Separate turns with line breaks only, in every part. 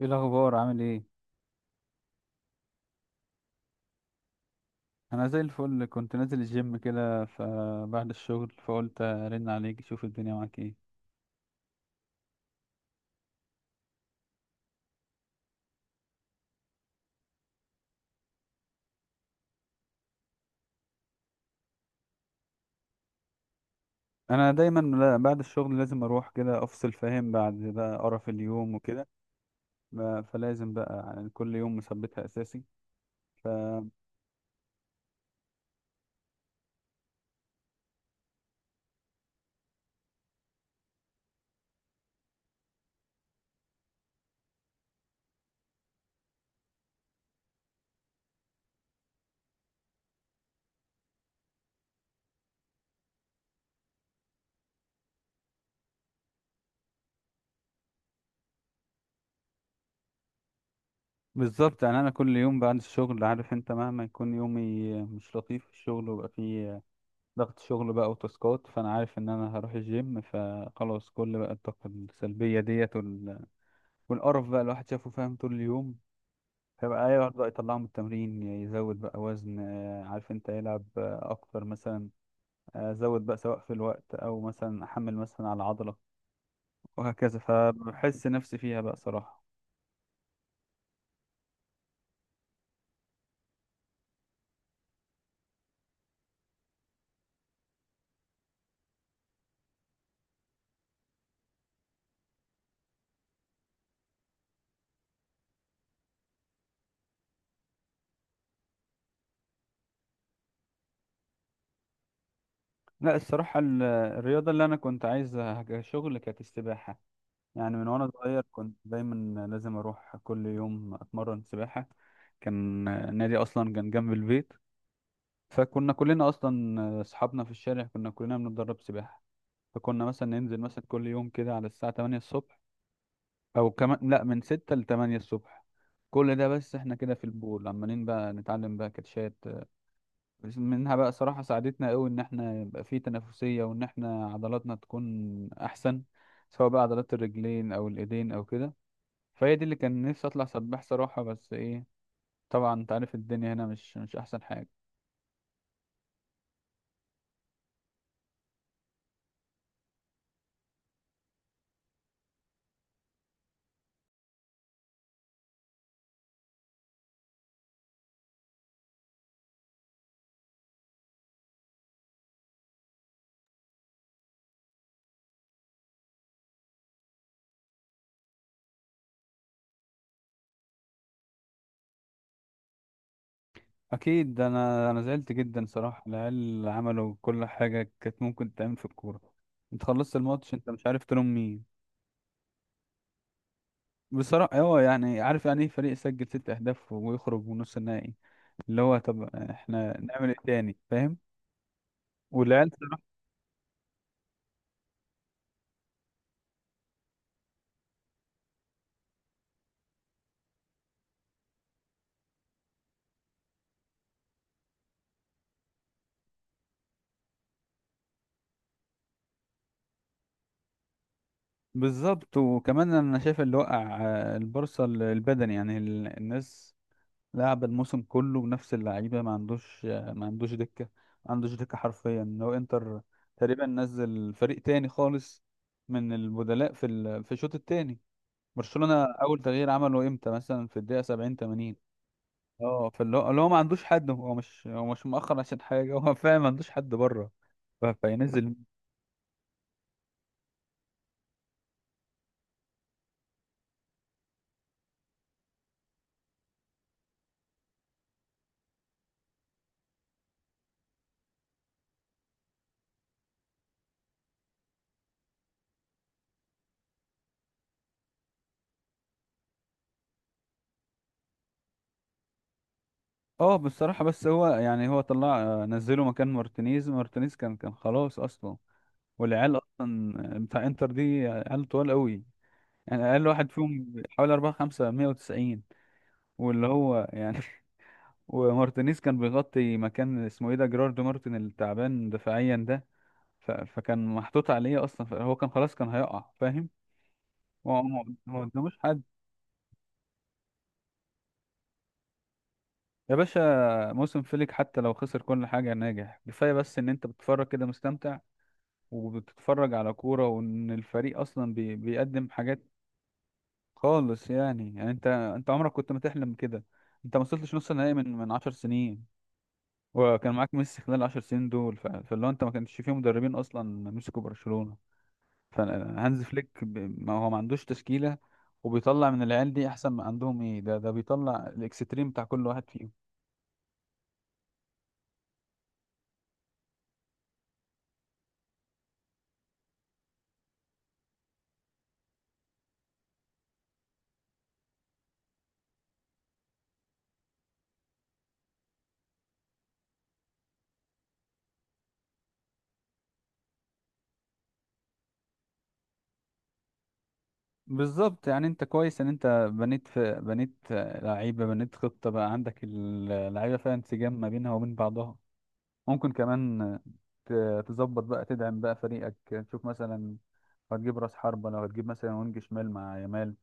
ايه الاخبار عامل ايه؟ انا زي الفل كنت نازل الجيم كده، فبعد الشغل فقلت ارن عليك اشوف الدنيا معاك ايه. انا دايما بعد الشغل لازم اروح كده افصل، فاهم، بعد بقى قرف اليوم وكده. فلازم بقى يعني كل يوم مثبتها اساسي. فبالظبط، يعني انا كل يوم بعد الشغل عارف انت مهما يكون يومي مش لطيف في الشغل ويبقى فيه ضغط شغل بقى وتاسكات، فانا عارف ان انا هروح الجيم، فخلاص كل بقى الطاقة السلبية ديت والقرف بقى الواحد شافه فاهم طول اليوم. فيبقى ايوه يبدأ يطلعه من التمرين، يزود بقى وزن، عارف انت يلعب اكتر مثلا. زود بقى سواء في الوقت او مثلا احمل مثلا على عضلة، وهكذا، فبحس نفسي فيها بقى صراحة. لا الصراحة الرياضة اللي انا كنت عايزها كشغل كانت السباحة. يعني من وانا صغير كنت دايما لازم اروح كل يوم اتمرن سباحة. كان النادي اصلا كان جنب البيت، فكنا كلنا اصلا اصحابنا في الشارع كنا كلنا بنتدرب سباحة. فكنا مثلا ننزل مثلا كل يوم كده على الساعة 8 الصبح، أو كمان لأ من 6 ل 8 الصبح. كل ده بس احنا كده في البول عمالين بقى نتعلم بقى كاتشات. بس منها بقى صراحة ساعدتنا قوي ان احنا يبقى في تنافسية وان احنا عضلاتنا تكون احسن، سواء بقى عضلات الرجلين او الايدين او كده. فهي دي اللي كان نفسي اطلع سباح صراحة، بس ايه، طبعا انت عارف الدنيا هنا مش احسن حاجة. اكيد انا زعلت جدا صراحه، العيال عملوا كل حاجه كانت ممكن تعمل في الكوره. انت خلصت الماتش انت مش عارف تلوم مين. بصراحه هو يعني عارف يعني ايه فريق يسجل ست اهداف ويخرج من نص النهائي؟ اللي هو طب احنا نعمل ايه تاني، فاهم. والعيال صراحة- بالظبط، وكمان انا شايف اللي وقع، البورصه البدني، يعني الناس لعب الموسم كله بنفس اللعيبه، ما عندوش دكه. ما عندوش دكه حرفيا، هو انتر تقريبا نزل فريق تاني خالص من البدلاء في الشوط التاني. برشلونه اول تغيير عمله امتى، مثلا في الدقيقه 70 80. اه، فاللي هو اللي هو ما عندوش حد، هو مش مؤخر عشان حاجه، هو فعلا ما عندوش حد بره. فينزل. اه بصراحه، بس هو يعني هو طلع نزله مكان مارتينيز. مارتينيز كان خلاص اصلا، والعيال اصلا بتاع انتر دي عيال طوال قوي، يعني اقل واحد فيهم حوالي أربعة خمسة مية وتسعين. واللي هو يعني ومارتينيز كان بيغطي مكان اسمه ايه ده، جيراردو مارتن التعبان دفاعيا ده. فكان محطوط عليه اصلا، فهو كان خلاص كان هيقع فاهم. هو ما قداموش حد. يا باشا، موسم فليك حتى لو خسر كل حاجة ناجح كفاية، بس ان انت بتتفرج كده مستمتع، وبتتفرج على كورة وان الفريق اصلا بيقدم حاجات خالص. يعني انت عمرك كنت ما تحلم كده. انت ما وصلتش نص النهائي من عشر سنين، وكان معاك ميسي خلال العشر سنين دول. فاللي هو انت ما كانش فيه مدربين اصلا مسكوا برشلونة. فهانز فليك ما هو ما عندوش تشكيلة، وبيطلع من العيال دي احسن ما عندهم، ايه ده بيطلع الاكستريم بتاع كل واحد فيهم. بالظبط، يعني انت كويس ان انت بنيت، في بنيت لعيبة، بنيت خطة بقى، عندك اللعيبة فيها انسجام ما بينها وبين بعضها. ممكن كمان تظبط بقى، تدعم بقى فريقك، تشوف مثلا هتجيب راس حربة، لو هتجيب مثلا وينج شمال مع يامال،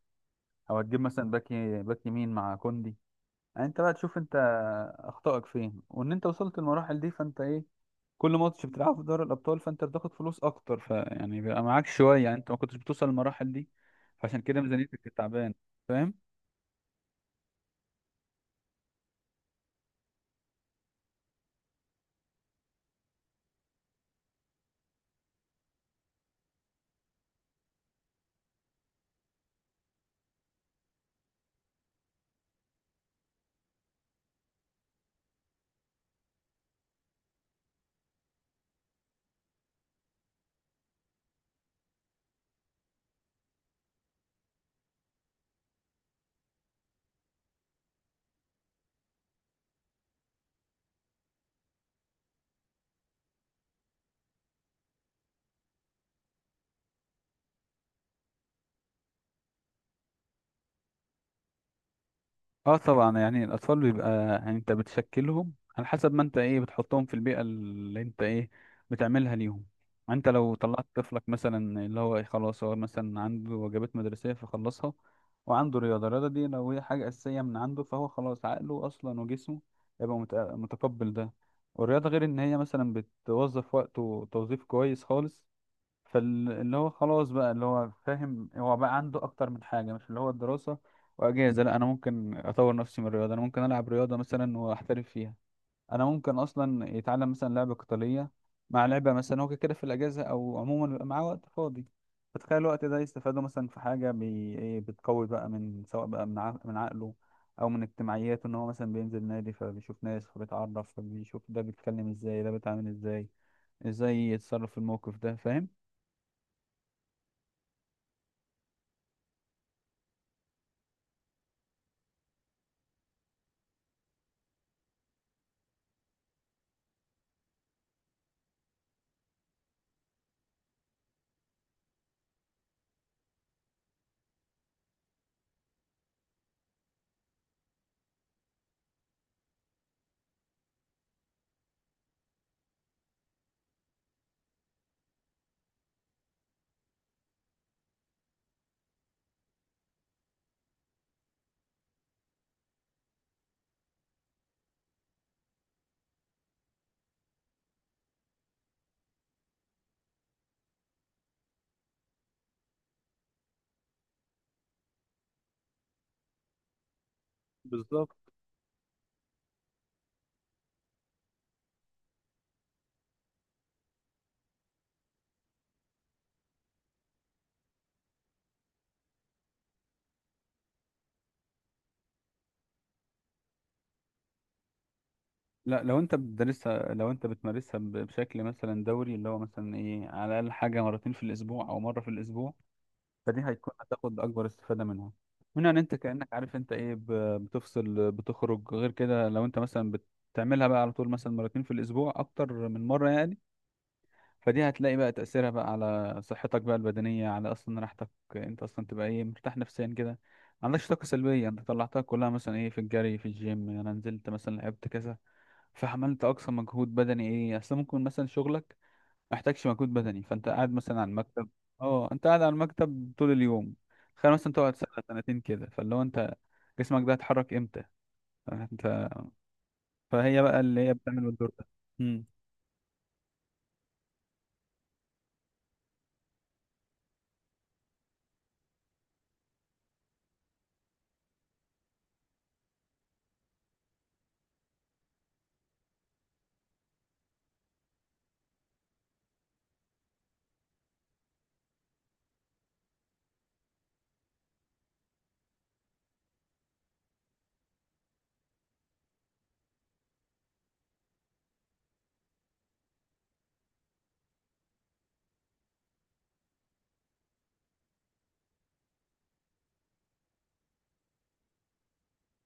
او هتجيب مثلا باك يمين مع كوندي. يعني انت بقى تشوف انت اخطائك فين، وان انت وصلت للمراحل دي فانت ايه، كل ماتش بتلعبه في دوري الابطال فانت بتاخد فلوس اكتر، فيعني بيبقى معاك شويه، يعني انت ما كنتش بتوصل للمراحل دي، فعشان كده ميزانيتك كانت تعبانه. فاهم. اه طبعا، يعني الاطفال بيبقى، يعني انت بتشكلهم على حسب ما انت ايه بتحطهم في البيئه اللي انت ايه بتعملها ليهم. انت لو طلعت طفلك مثلا اللي هو إيه، خلاص، هو مثلا عنده واجبات مدرسيه فخلصها، وعنده رياضه، الرياضه دي لو هي حاجه اساسيه من عنده فهو خلاص عقله اصلا وجسمه هيبقى متقبل ده. والرياضه غير ان هي مثلا بتوظف وقته توظيف كويس خالص، فاللي هو خلاص بقى اللي هو فاهم، هو بقى عنده اكتر من حاجه مش اللي هو الدراسه واجازه. لا، انا ممكن اطور نفسي من الرياضه، انا ممكن العب رياضه مثلا واحترف فيها، انا ممكن اصلا يتعلم مثلا لعبه قتاليه مع لعبه مثلا، هو كده كده في الاجازه او عموما بيبقى معاه وقت فاضي. فتخيل الوقت ده يستفاده مثلا في حاجه إيه، بتقوي بقى من سواء بقى من عقله او من اجتماعياته، ان هو مثلا بينزل نادي فبيشوف ناس فبيتعرف، فبيشوف ده بيتكلم ازاي، ده بيتعامل ازاي، ازاي يتصرف في الموقف ده، فاهم. بالظبط. لا لو انت بتدرسها، لو انت بتمارسها بشكل مثلا دوري، اللي هو مثلا ايه على الاقل حاجه مرتين في الاسبوع او مره في الاسبوع، فدي هيكون هتاخد اكبر استفاده منها، ان انت كانك عارف انت ايه، بتفصل بتخرج. غير كده لو انت مثلا بتعملها بقى على طول مثلا مرتين في الاسبوع اكتر من مره يعني، فدي هتلاقي بقى تاثيرها بقى على صحتك بقى البدنيه، على اصلا راحتك. انت اصلا تبقى ايه مرتاح نفسيا كده، ما عندكش طاقه سلبيه، انت طلعتها كلها مثلا ايه في الجري في الجيم، انا نزلت مثلا لعبت كذا فعملت اقصى مجهود بدني، ايه اصل ممكن مثلا شغلك محتاجش مجهود بدني فانت قاعد مثلا على المكتب. اه انت قاعد على المكتب طول اليوم، خلينا مثلا تقعد سنه سنتين كده، فاللي هو انت جسمك ده هيتحرك امتى؟ فانت، فهي بقى اللي هي بتعمل الدور ده.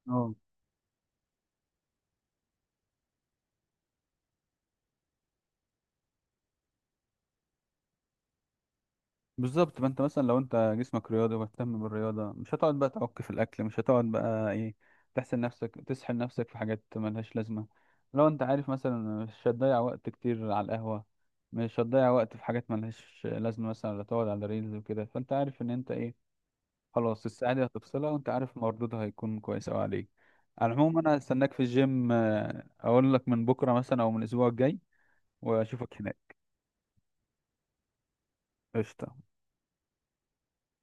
امم. بالظبط، ما انت مثلا لو انت جسمك رياضي ومهتم بالرياضة مش هتقعد بقى تعك في الأكل، مش هتقعد بقى ايه تحسن نفسك تسحل نفسك في حاجات ملهاش لازمة. لو انت عارف مثلا مش هتضيع وقت كتير على القهوة، مش هتضيع وقت في حاجات ملهاش لازمة مثلا ولا تقعد على ريلز وكده، فانت عارف ان انت ايه، خلاص، الساعة دي هتفصلها وانت عارف مردودها هيكون كويس اوي عليك. على العموم، انا هستناك في الجيم، اقول لك من بكرة مثلا او من الاسبوع الجاي، واشوفك هناك. قشطة.